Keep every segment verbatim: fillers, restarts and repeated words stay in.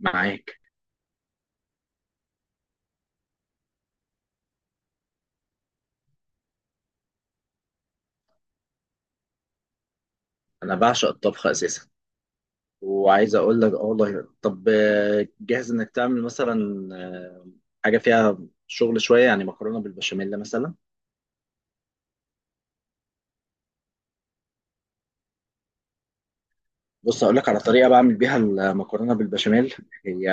معاك. انا بعشق الطبخ اساسا، وعايز اقول لك اه والله. طب آه، جاهز انك تعمل مثلا آه، حاجه فيها شغل شويه، يعني مكرونه بالبشاميل مثلا. بص، اقول لك على طريقه بعمل بيها المكرونه بالبشاميل. هي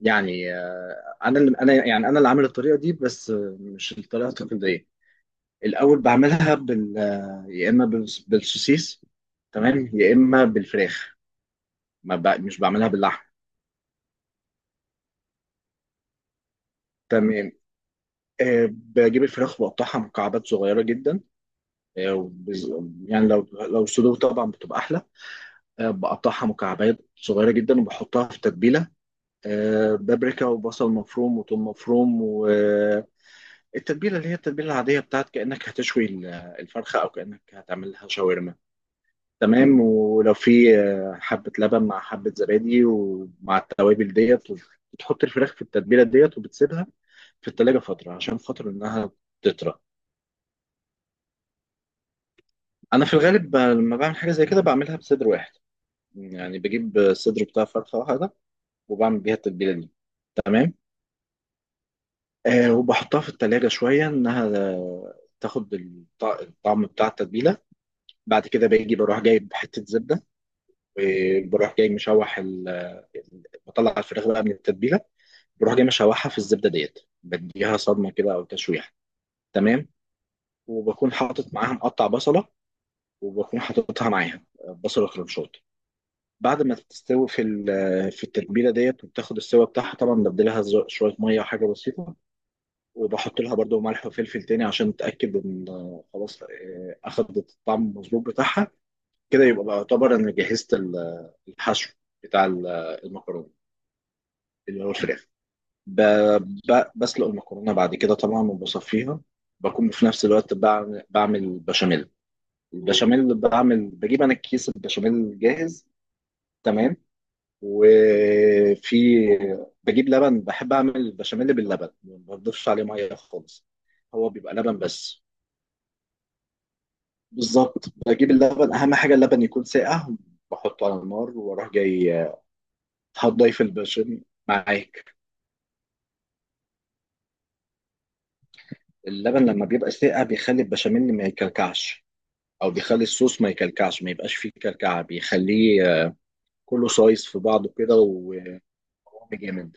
يعني آه، انا اللي انا يعني انا اللي عامل الطريقه دي، بس آه، مش الطريقه التقليديه. الاول بعملها بال آه، يا اما بالس- بالسوسيس، تمام، يا اما بالفراخ. ما ب... مش بعملها باللحم. تمام. آه، بجيب الفراخ، بقطعها مكعبات صغيره جدا. آه، بز- يعني لو لو صدور طبعا بتبقى احلى. آه، بقطعها مكعبات صغيره جدا وبحطها في تتبيله. آه، بابريكا، وبصل مفروم، وثوم مفروم، والتتبيله. اللي هي التتبيله العاديه بتاعت كانك هتشوي ال- الفرخه، او كانك هتعمل لها شاورما. تمام. ولو في آه، حبه لبن مع حبه زبادي ومع التوابل ديت. بتحط الفراخ في التتبيله ديت وبتسيبها في التلاجة فتره عشان خاطر انها تطرى. انا في الغالب ب- لما بعمل حاجه زي كده بعملها بصدر واحد، يعني بجيب الصدر بتاع فرخة واحدة، وبعمل بيها التتبيلة دي. تمام. آه وبحطها في التلاجة شوية إنها آه، تاخد الط- الطعم بتاع التتبيلة. بعد كده باجي بروح جايب حتة زبدة، وبروح جاي مشوح ال- ال- بطلع الفراخ بقى من التتبيلة، بروح جاي مشوحها في الزبدة ديت، بديها صدمة كده أو تشويح. تمام. وبكون حاطط معاها مقطع بصلة، وبكون حاططها معاها آه، بصلة كرنشات. بعد ما تستوي في ال- في التتبيله ديت وبتاخد السوا بتاعها، طبعا ببدلها ز- شويه ميه وحاجه بسيطه. وبحط لها برضو ملح وفلفل تاني عشان اتاكد ان آه، خلاص آه، اخدت الطعم المظبوط بتاعها. كده يبقى بعتبر ان جهزت ال- الحشو بتاع ال- المكرونه، اللي هو الفراخ. ب- ب- بسلق المكرونه بعد كده طبعا وبصفيها. بكون في نفس الوقت بعمل بعمل بشاميل. البشاميل بعمل، بجيب انا كيس البشاميل جاهز، تمام. وفي، بجيب لبن، بحب اعمل بشاميل باللبن، ما بضيفش عليه ميه خالص. هو بيبقى لبن بس. بالظبط، بجيب اللبن. اهم حاجه اللبن يكون ساقع، بحطه على النار واروح جاي هتضيف البشاميل معاك. اللبن لما بيبقى ساقع بيخلي البشاميل ما يكلكعش، او بيخلي الصوص ما يكلكعش، ما يبقاش فيه كلكعه، بيخليه كله سايس في بعضه كده وهو جامد.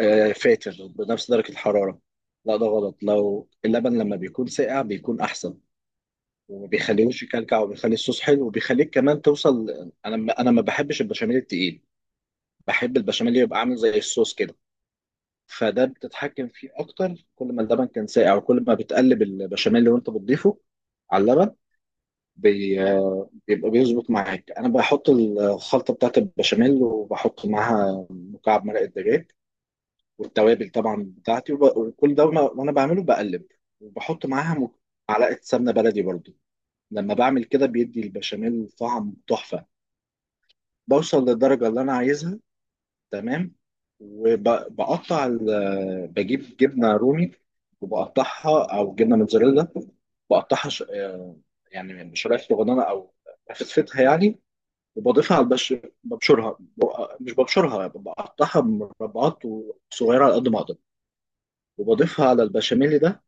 آه، فاتر بنفس درجة الحرارة. لا ده غلط، لو اللبن لما بيكون ساقع بيكون أحسن، وما بيخليهوش يكلكع، وبيخلي الصوص حلو، وبيخليك كمان توصل. أنا أنا ما بحبش البشاميل التقيل، بحب البشاميل اللي يبقى عامل زي الصوص كده. فده بتتحكم فيه أكتر، كل ما اللبن كان ساقع، وكل ما بتقلب البشاميل اللي وأنت بتضيفه على اللبن بي... بيبقى بيظبط معاك. أنا بحط الخلطة بتاعت البشاميل وبحط معاها مكعب مرقة دجاج. والتوابل طبعا بتاعتي، وب... وكل ده، وأنا وأنا بعمله بقلب، وبحط معاها م- معلقة سمنة بلدي برضو. لما بعمل كده بيدي البشاميل طعم تحفة. بوصل للدرجة اللي أنا عايزها. تمام. وبقطع ال... بجيب جبنة رومي وبقطعها، أو جبنة موتزاريلا، بقطعها ش... آه، يعني شرايح صغننة، أو بفتفتها يعني. وبضيفها على البش ببشرها مش ببشرها، بقطعها مربعات صغيرة على قد ما أقدر، وبضيفها على البشاميل ده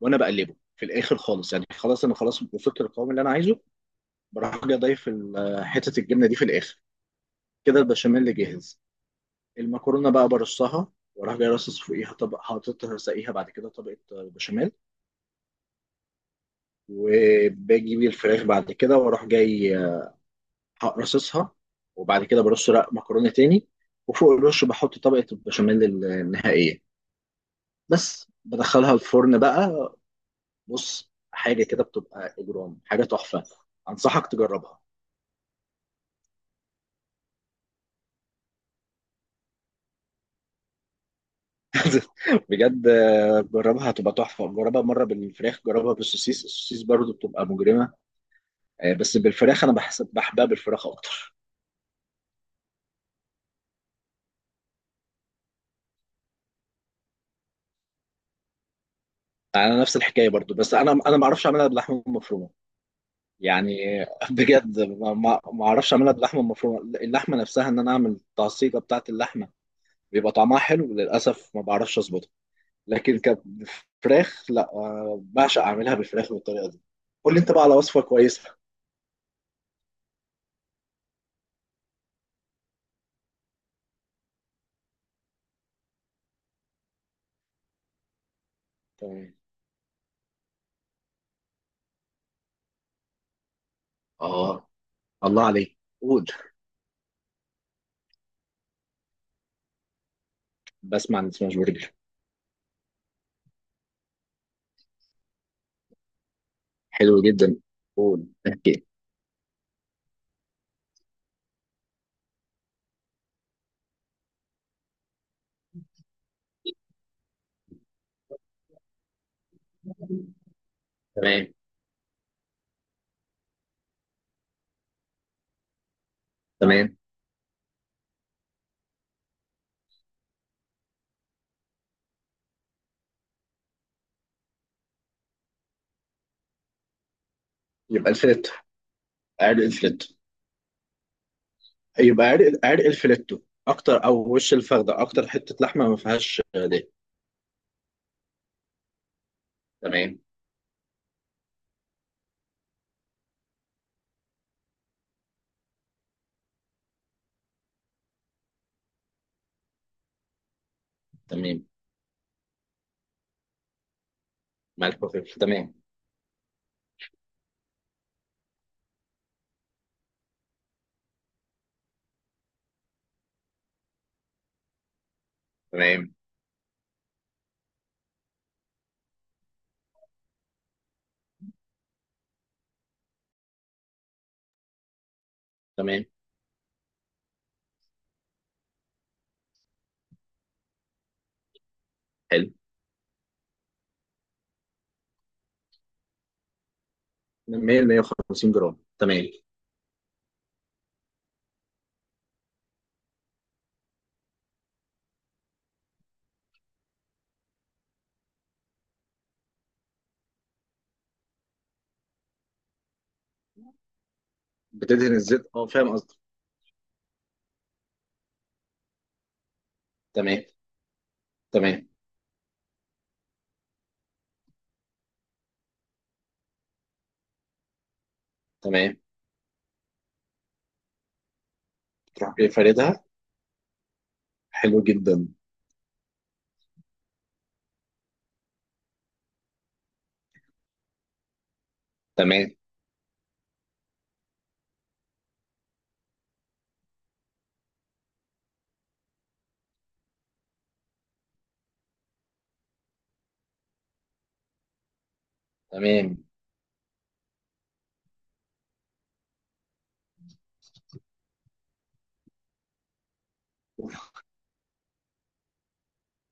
وانا بقلبه في الاخر خالص. يعني خلاص، انا خلاص وصلت للقوام اللي انا عايزه، بروح جاي ضايف ال- حته الجبنه دي في الاخر. كده البشاميل اللي جاهز. المكرونه بقى برصها، واروح جاي راصص فوقيها طبق، حاططها ساقيها، بعد كده طبقه بشاميل. وباجي بيه الفراخ بعد كده، واروح جاي راصصها، وبعد كده برص رق مكرونه تاني، وفوق الرش بحط طبقه البشاميل النهائيه. بس بدخلها الفرن بقى. بص، حاجه كده بتبقى اجرام، حاجه تحفه، انصحك تجربها. بجد. آه، جربها هتبقى تحفه، جربها مره بالفراخ، جربها بالسوسيس، السوسيس برضو بتبقى مجرمه. آه، بس بالفراخ انا بحسب بحبها بالفراخ اكتر. انا نفس الحكايه برضو، بس انا انا ما اعرفش اعملها باللحمه المفرومه. يعني آه، بجد ما ما ما اعرفش اعملها باللحمه المفرومه، اللحمه نفسها، ان انا اعمل التعصيجه بتاعه اللحمه. بيبقى طعمها حلو، للاسف ما بعرفش اظبطها. لكن كفراخ لا، آه، بعشق اعملها بالفراخ بالطريقه دي. قول لي انت بقى على وصفه كويسه. تمام. اه، الله عليك قول. بسمع عن سماش برجر. حلو جدا، قول. اوكي. تمام. تمام. يبقى الفليتو، عرق الفليتو. يبقى عرق عرق الفليتو اكتر، او وش الفخده، اكتر حته لحمه ما فيهاش ده. تمام. تمام. ملح وفلفل. تمام. تمام. تمام. حلو. مية مية وخمسين جرام. تمام. بتدهن الزيت اه، فاهم قصدك. تمام. تمام. تمام. تروح جاي فاردها. حلو جدا. تمام. تمام.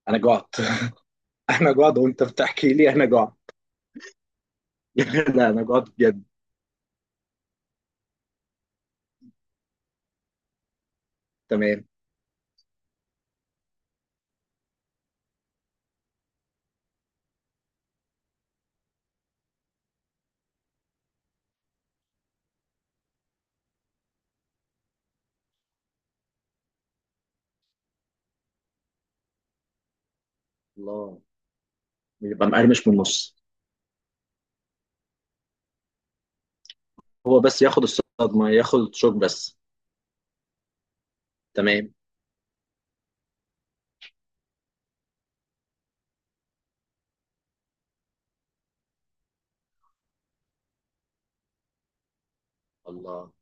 انا جوعت. انا جوعت وانت بتحكي لي، انا جوعت. لا انا جوعت بجد. تمام. الله. يبقى مقرمش من النص. هو بس ياخد الصدمة، ياخد الشوك بس. تمام. الله.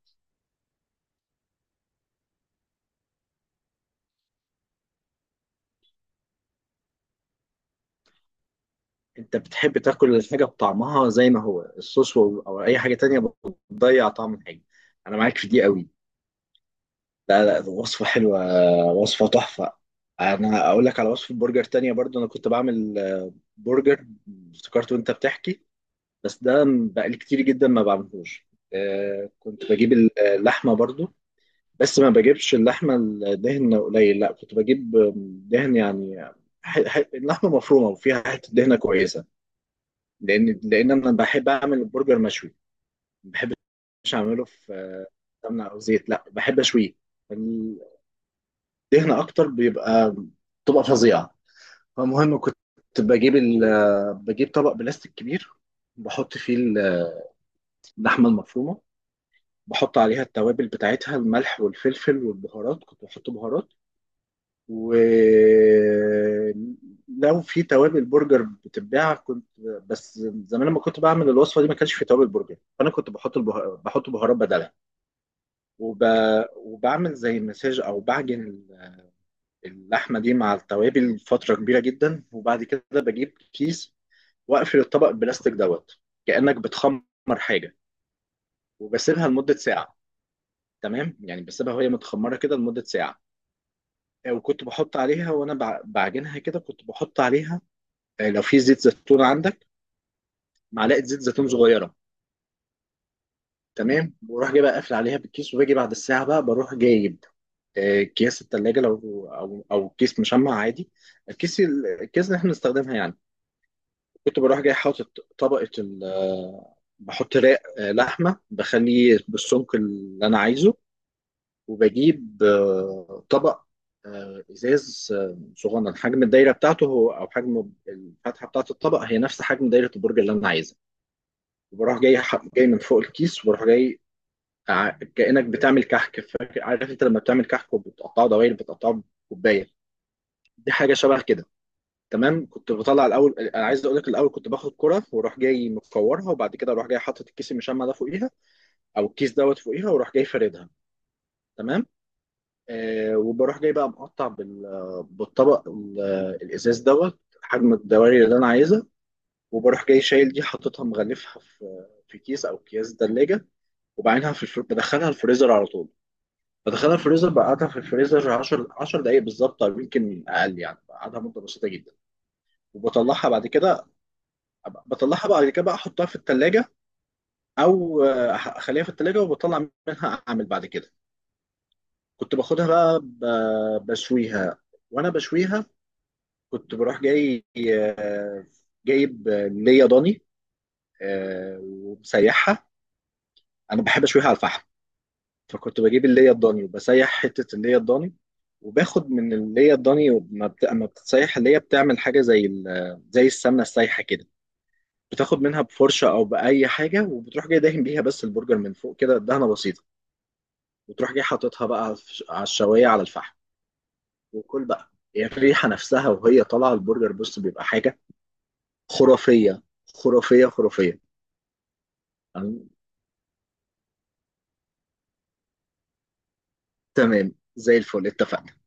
انت بتحب تاكل الحاجة بطعمها زي ما هو. الصوص و- او اي حاجة تانية بتضيع طعم الحاجة. انا معاك في دي قوي. لا لا، وصفة حلوة، وصفة تحفة. انا اقول لك على وصفة برجر تانية برضو. انا كنت بعمل برجر، افتكرت وانت بتحكي. بس ده بقالي كتير جدا ما بعملهوش. آه، كنت بجيب اللحمة برضو، بس ما بجيبش اللحمه الدهن قليل، لا كنت بجيب دهن يعني. ح... ح... اللحمه مفرومه وفيها حته دهنه كويسه. لان لان انا بحب اعمل البرجر مشوي، ما بحبش اعمله في سمنه او زيت، لا بحب اشويه. الدهن اكتر بيبقى بتبقى فظيعه. فالمهم كنت بجيب ال... بجيب طبق بلاستيك كبير، بحط فيه اللحمه المفرومه، بحط عليها التوابل بتاعتها، الملح والفلفل والبهارات، كنت بحط بهارات. ولو في توابل برجر بتتباع كنت، بس زمان لما كنت بعمل الوصفه دي ما كانش في توابل برجر، فانا كنت بحط البه... بحط بهارات بدلها. وب... وبعمل زي مساج، او بعجن ال- اللحمه دي مع التوابل فتره كبيره جدا. وبعد كده بجيب كيس واقفل الطبق البلاستيك دوت، كانك بتخمر حاجه، وبسيبها لمده ساعه. تمام، يعني بسيبها وهي متخمره كده لمده ساعه. وكنت بحط عليها وانا بع- بعجنها كده كنت بحط عليها آه، لو في زيت زيتون عندك معلقه زيت زيتون صغيره. تمام. بروح جايبها قافل عليها بالكيس، وباجي بعد الساعه بقى، بروح جايب آه، كيس التلاجة، لو او او كيس مشمع عادي. الكيس الكيس اللي احنا بنستخدمها يعني. كنت بروح جاي حاطط طبقه ال آه، بحط رق آه، لحمه، بخليه بالسمك اللي انا عايزه. وبجيب آه، طبق آه، ازاز آه، صغنن، حجم الدايره بتاعته هو، او حجم الفتحه بتاعه الطبق، هي نفس حجم دايره البرج اللي انا عايزها. وبروح جاي ح- جاي من فوق الكيس، وبروح جاي ع- كأنك بتعمل كحك، فاكر؟ عارف انت لما بتعمل كحك وبتقطعه دوائر، بتقطعه بكوبايه، دي حاجه شبه كده. تمام. كنت بطلع الاول، انا عايز اقول لك، الاول كنت باخد كره واروح جاي مكورها، وبعد كده اروح جاي حاطط الكيس المشمع ده فوقيها، او الكيس دوت فوقيها، واروح جاي فاردها. تمام. آه وبروح جاي بقى مقطع بال- بالطبق ال- الازاز دوت، حجم الدوائر اللي انا عايزها. وبروح جاي شايل دي، حاططها مغلفها في في كيس او اكياس ثلاجه، وبعدها في الفر... بدخلها الفريزر على طول. بدخلها الفريزر، بقعدها في الفريزر عشر عشر دقايق بالظبط، او يمكن اقل، يعني بقعدها مده بسيطه جدا. وبطلعها بعد كده. بطلعها بعد كده بقى احطها في التلاجة، او آه، أح- اخليها في التلاجة وبطلع منها اعمل بعد كده. كنت باخدها بقى ب- بشويها. وانا بشويها كنت بروح جاي آه، جايب آه، ليا ضاني آه، ومسيحها. انا بحب اشويها على الفحم. فكنت بجيب اللي هي الضاني، وبسيح حتة اللي هي الضاني، وباخد من اللي هي الضاني وما بت- اما بتتسيح اللي هي بتعمل حاجة زي ال- زي السمنة السايحة كده. بتاخد منها بفرشة، أو بأي حاجة، وبتروح جاي دهن بيها بس البرجر من فوق كده، دهنة بسيطة. وتروح جاي حاططها بقى في- على الشواية، على الفحم. وكل بقى، هي يعني الريحة نفسها وهي طالعة البرجر، بص بيبقى حاجة خرافية، خرافية، خرافية. أنا- تمام، زي الفل، اتفقنا.